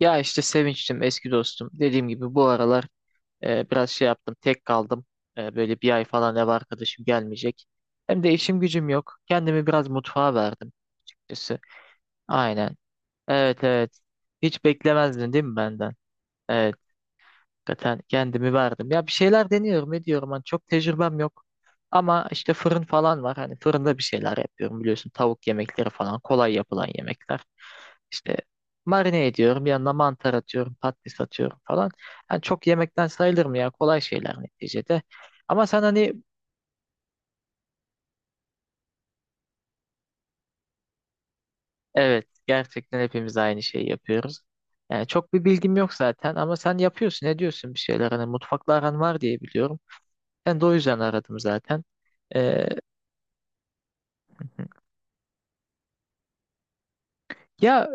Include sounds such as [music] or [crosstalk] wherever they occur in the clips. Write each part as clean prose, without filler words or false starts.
Ya işte Sevinç'tim eski dostum. Dediğim gibi bu aralar biraz şey yaptım tek kaldım. Böyle bir ay falan ev arkadaşım gelmeyecek. Hem de işim gücüm yok. Kendimi biraz mutfağa verdim açıkçası. Aynen. Evet evet. Hiç beklemezdin değil mi benden? Evet. Hakikaten kendimi verdim. Ya bir şeyler deniyorum ediyorum. Hani çok tecrübem yok. Ama işte fırın falan var. Hani fırında bir şeyler yapıyorum biliyorsun. Tavuk yemekleri falan kolay yapılan yemekler. İşte marine ediyorum. Yanına mantar atıyorum. Patates atıyorum falan. Yani çok yemekten sayılır mı ya? Kolay şeyler neticede. Ama sen hani evet gerçekten hepimiz aynı şeyi yapıyoruz. Yani çok bir bilgim yok zaten ama sen yapıyorsun, ediyorsun bir şeyler. Hani mutfakla aran var diye biliyorum. Ben de o yüzden aradım zaten. Ee, Ya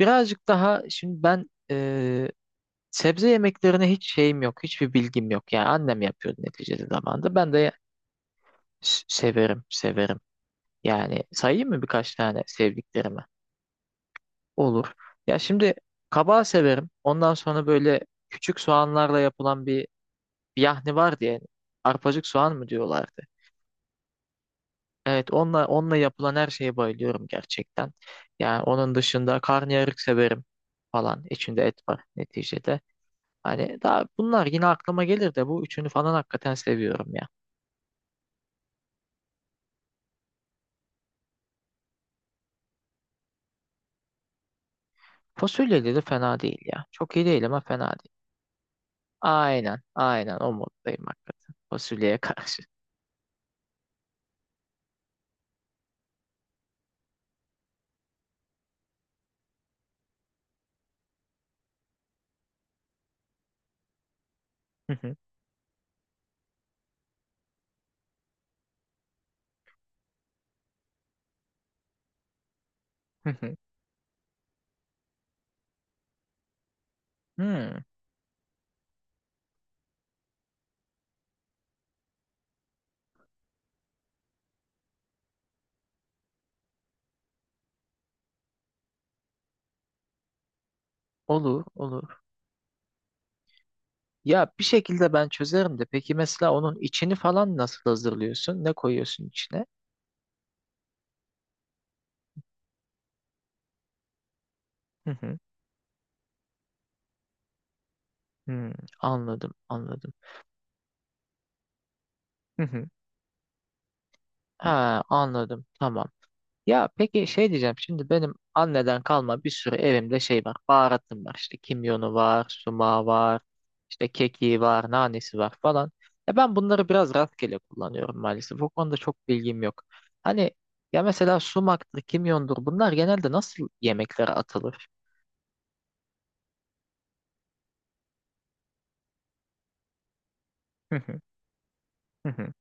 birazcık daha şimdi ben sebze yemeklerine hiç şeyim yok. Hiçbir bilgim yok. Yani annem yapıyordu neticede zamanında. Ben de severim, severim. Yani sayayım mı birkaç tane sevdiklerimi? Olur. Ya şimdi kabağı severim. Ondan sonra böyle küçük soğanlarla yapılan bir yahni var diye. Arpacık soğan mı diyorlardı? Evet, onunla onunla yapılan her şeye bayılıyorum gerçekten. Yani onun dışında karnıyarık severim falan. İçinde et var neticede. Hani daha bunlar yine aklıma gelir de bu üçünü falan hakikaten seviyorum ya. Fasulyeli de fena değil ya. Çok iyi değil ama fena değil. Aynen, aynen o moddayım hakikaten. Fasulyeye [laughs] karşı. Hı hı, hı hı. Hmm, olur, olur. Ya bir şekilde ben çözerim de. Peki mesela onun içini falan nasıl hazırlıyorsun? Ne koyuyorsun içine? Hı hı. Hmm, anladım, anladım. Hı hı. Ha, anladım. Tamam. Ya peki şey diyeceğim şimdi benim anneden kalma bir sürü evimde şey var baharatım var işte kimyonu var sumağı var işte kekiği var nanesi var falan. Ya ben bunları biraz rastgele kullanıyorum maalesef o konuda çok bilgim yok. Hani ya mesela sumaktır kimyondur bunlar genelde nasıl yemeklere atılır? Hı hı, hı hı,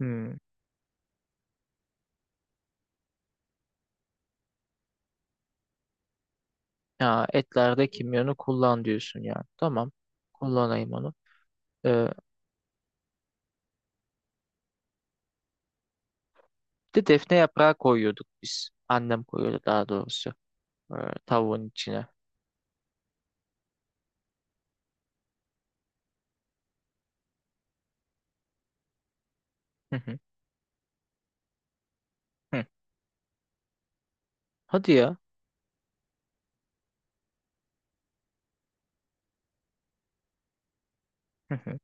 hmm. Ya etlerde kimyonu kullan diyorsun ya tamam kullanayım onu. Ee, Bir de defne yaprağı koyuyorduk biz annem koyuyordu daha doğrusu e, tavuğun içine. Hı hı. Hı. Hadi ya. Hı hı.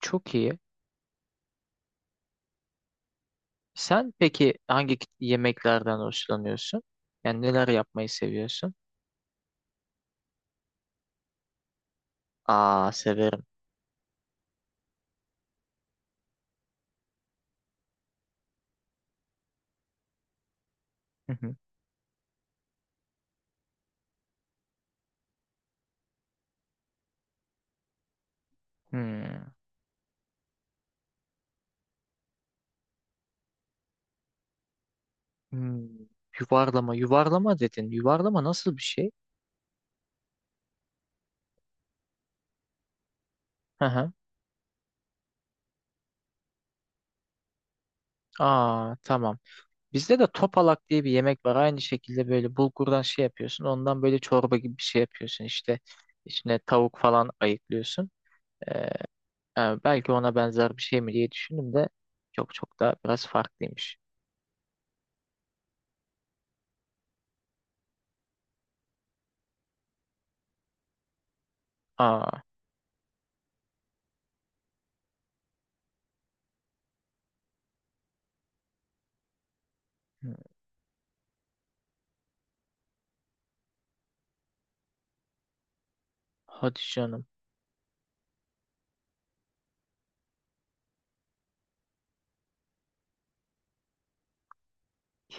Çok iyi. Sen peki hangi yemeklerden hoşlanıyorsun? Yani neler yapmayı seviyorsun? Aa severim. Hı hı. Hmm. Hmm. Yuvarlama, yuvarlama dedin. Yuvarlama nasıl bir şey? Hı hı. Aa tamam. Bizde de topalak diye bir yemek var. Aynı şekilde böyle bulgurdan şey yapıyorsun. Ondan böyle çorba gibi bir şey yapıyorsun. İşte içine tavuk falan ayıklıyorsun. Ee, Belki ona benzer bir şey mi diye düşündüm de çok çok da biraz farklıymış. Aa, hı, hadi canım.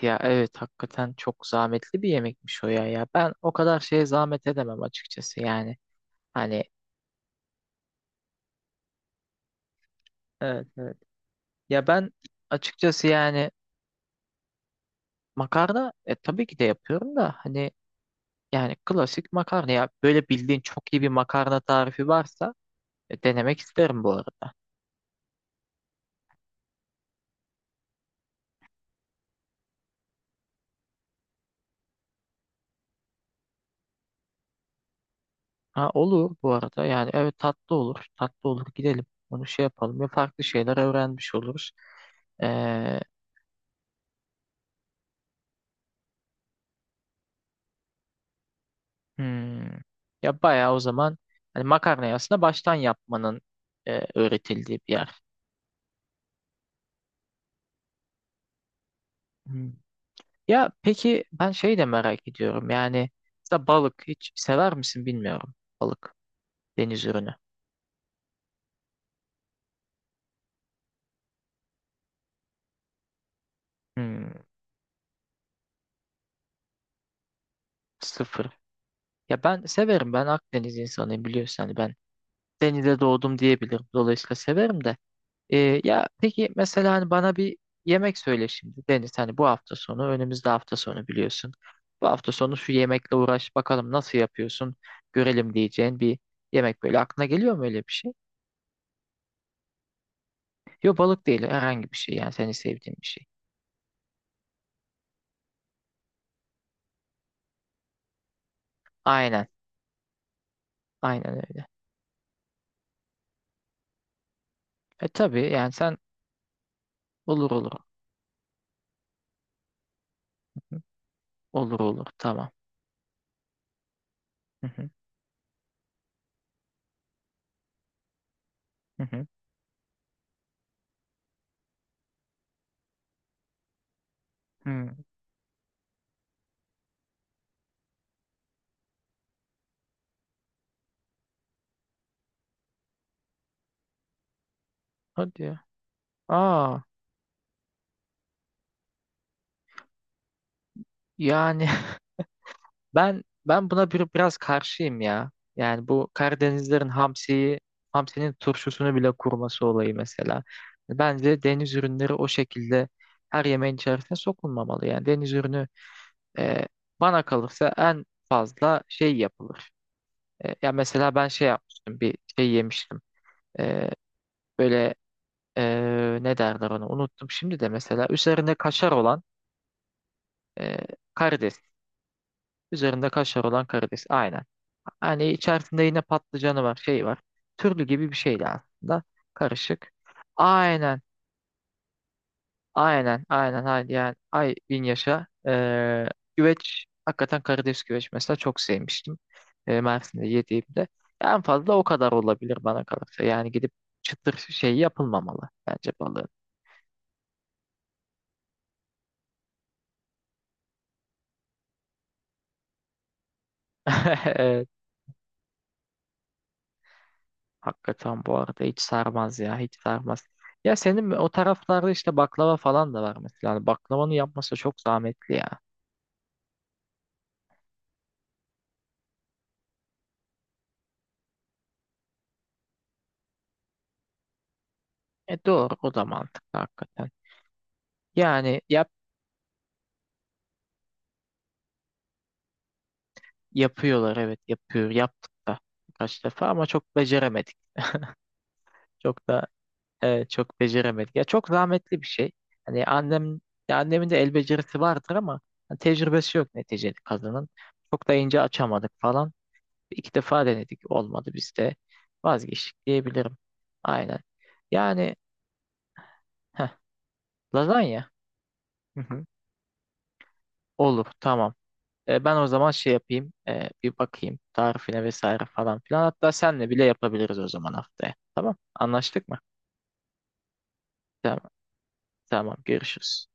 Ya evet hakikaten çok zahmetli bir yemekmiş o ya ya. Ben o kadar şeye zahmet edemem açıkçası yani. Hani evet evet. Ya ben açıkçası yani makarna tabii ki de yapıyorum da hani yani klasik makarna ya böyle bildiğin çok iyi bir makarna tarifi varsa denemek isterim bu arada. Ha olur bu arada yani evet tatlı olur tatlı olur gidelim onu şey yapalım ya farklı şeyler öğrenmiş oluruz. Ee, Hmm. Ya bayağı o zaman hani makarnayı aslında baştan yapmanın öğretildiği bir yer. Hmm. Ya peki ben şey de merak ediyorum. Yani mesela balık hiç sever misin bilmiyorum. Balık, deniz ürünü. Hmm, sıfır. Ya ben severim. Ben Akdeniz insanıyım biliyorsun. Hani ben denize doğdum diyebilirim. Dolayısıyla severim de. Ya peki mesela hani bana bir yemek söyle şimdi Deniz hani bu hafta sonu önümüzde hafta sonu biliyorsun. Bu hafta sonu şu yemekle uğraş bakalım nasıl yapıyorsun görelim diyeceğin bir yemek böyle aklına geliyor mu öyle bir şey? Yok balık değil herhangi bir şey yani seni sevdiğin bir şey. Aynen aynen öyle. E tabii yani sen olur olur olur olur tamam. Hı hı, hı hı, hı. Hadi ya. Aa yani [laughs] Ben buna biraz karşıyım ya. Yani bu Karadenizlerin hamsiyi, hamsinin turşusunu bile kurması olayı mesela. Bence deniz ürünleri o şekilde her yemeğin içerisine sokulmamalı. Yani deniz ürünü e, bana kalırsa en fazla şey yapılır. Ya mesela ben şey yapmıştım, bir şey yemiştim. E, Böyle ne derler onu unuttum. Şimdi de mesela üzerinde kaşar olan e, karides. Üzerinde kaşar olan karides. Aynen. Hani içerisinde yine patlıcanı var, şey var. Türlü gibi bir şeydi aslında. Karışık. Aynen, aynen, aynen. Hadi yani ay bin yaşa. Güveç, hakikaten karides güveç mesela çok sevmiştim. Mersin'de yediğimde. En fazla o kadar olabilir bana kalırsa. Yani gidip çıtır şey yapılmamalı bence balığın. [laughs] Evet, hakikaten bu arada hiç sarmaz ya, hiç sarmaz. Ya senin o taraflarda işte baklava falan da var mesela. Hani baklavanın yapması çok zahmetli ya. E doğru o da mantıklı hakikaten. Yani yapıyorlar evet yapıyor yaptık da birkaç defa ama çok beceremedik. Çok da çok beceremedik. Ya çok zahmetli bir şey. Hani annem ya annemin de el becerisi vardır ama hani tecrübesi yok neticede kadının. Çok da ince açamadık falan. İki defa denedik olmadı biz de vazgeçtik diyebilirim. Aynen. Yani heh, lazanya. Hı hı. Olur tamam. Ben o zaman şey yapayım, bir bakayım tarifine vesaire falan filan. Hatta senle bile yapabiliriz o zaman haftaya. Tamam, anlaştık mı? Tamam, tamam, görüşürüz.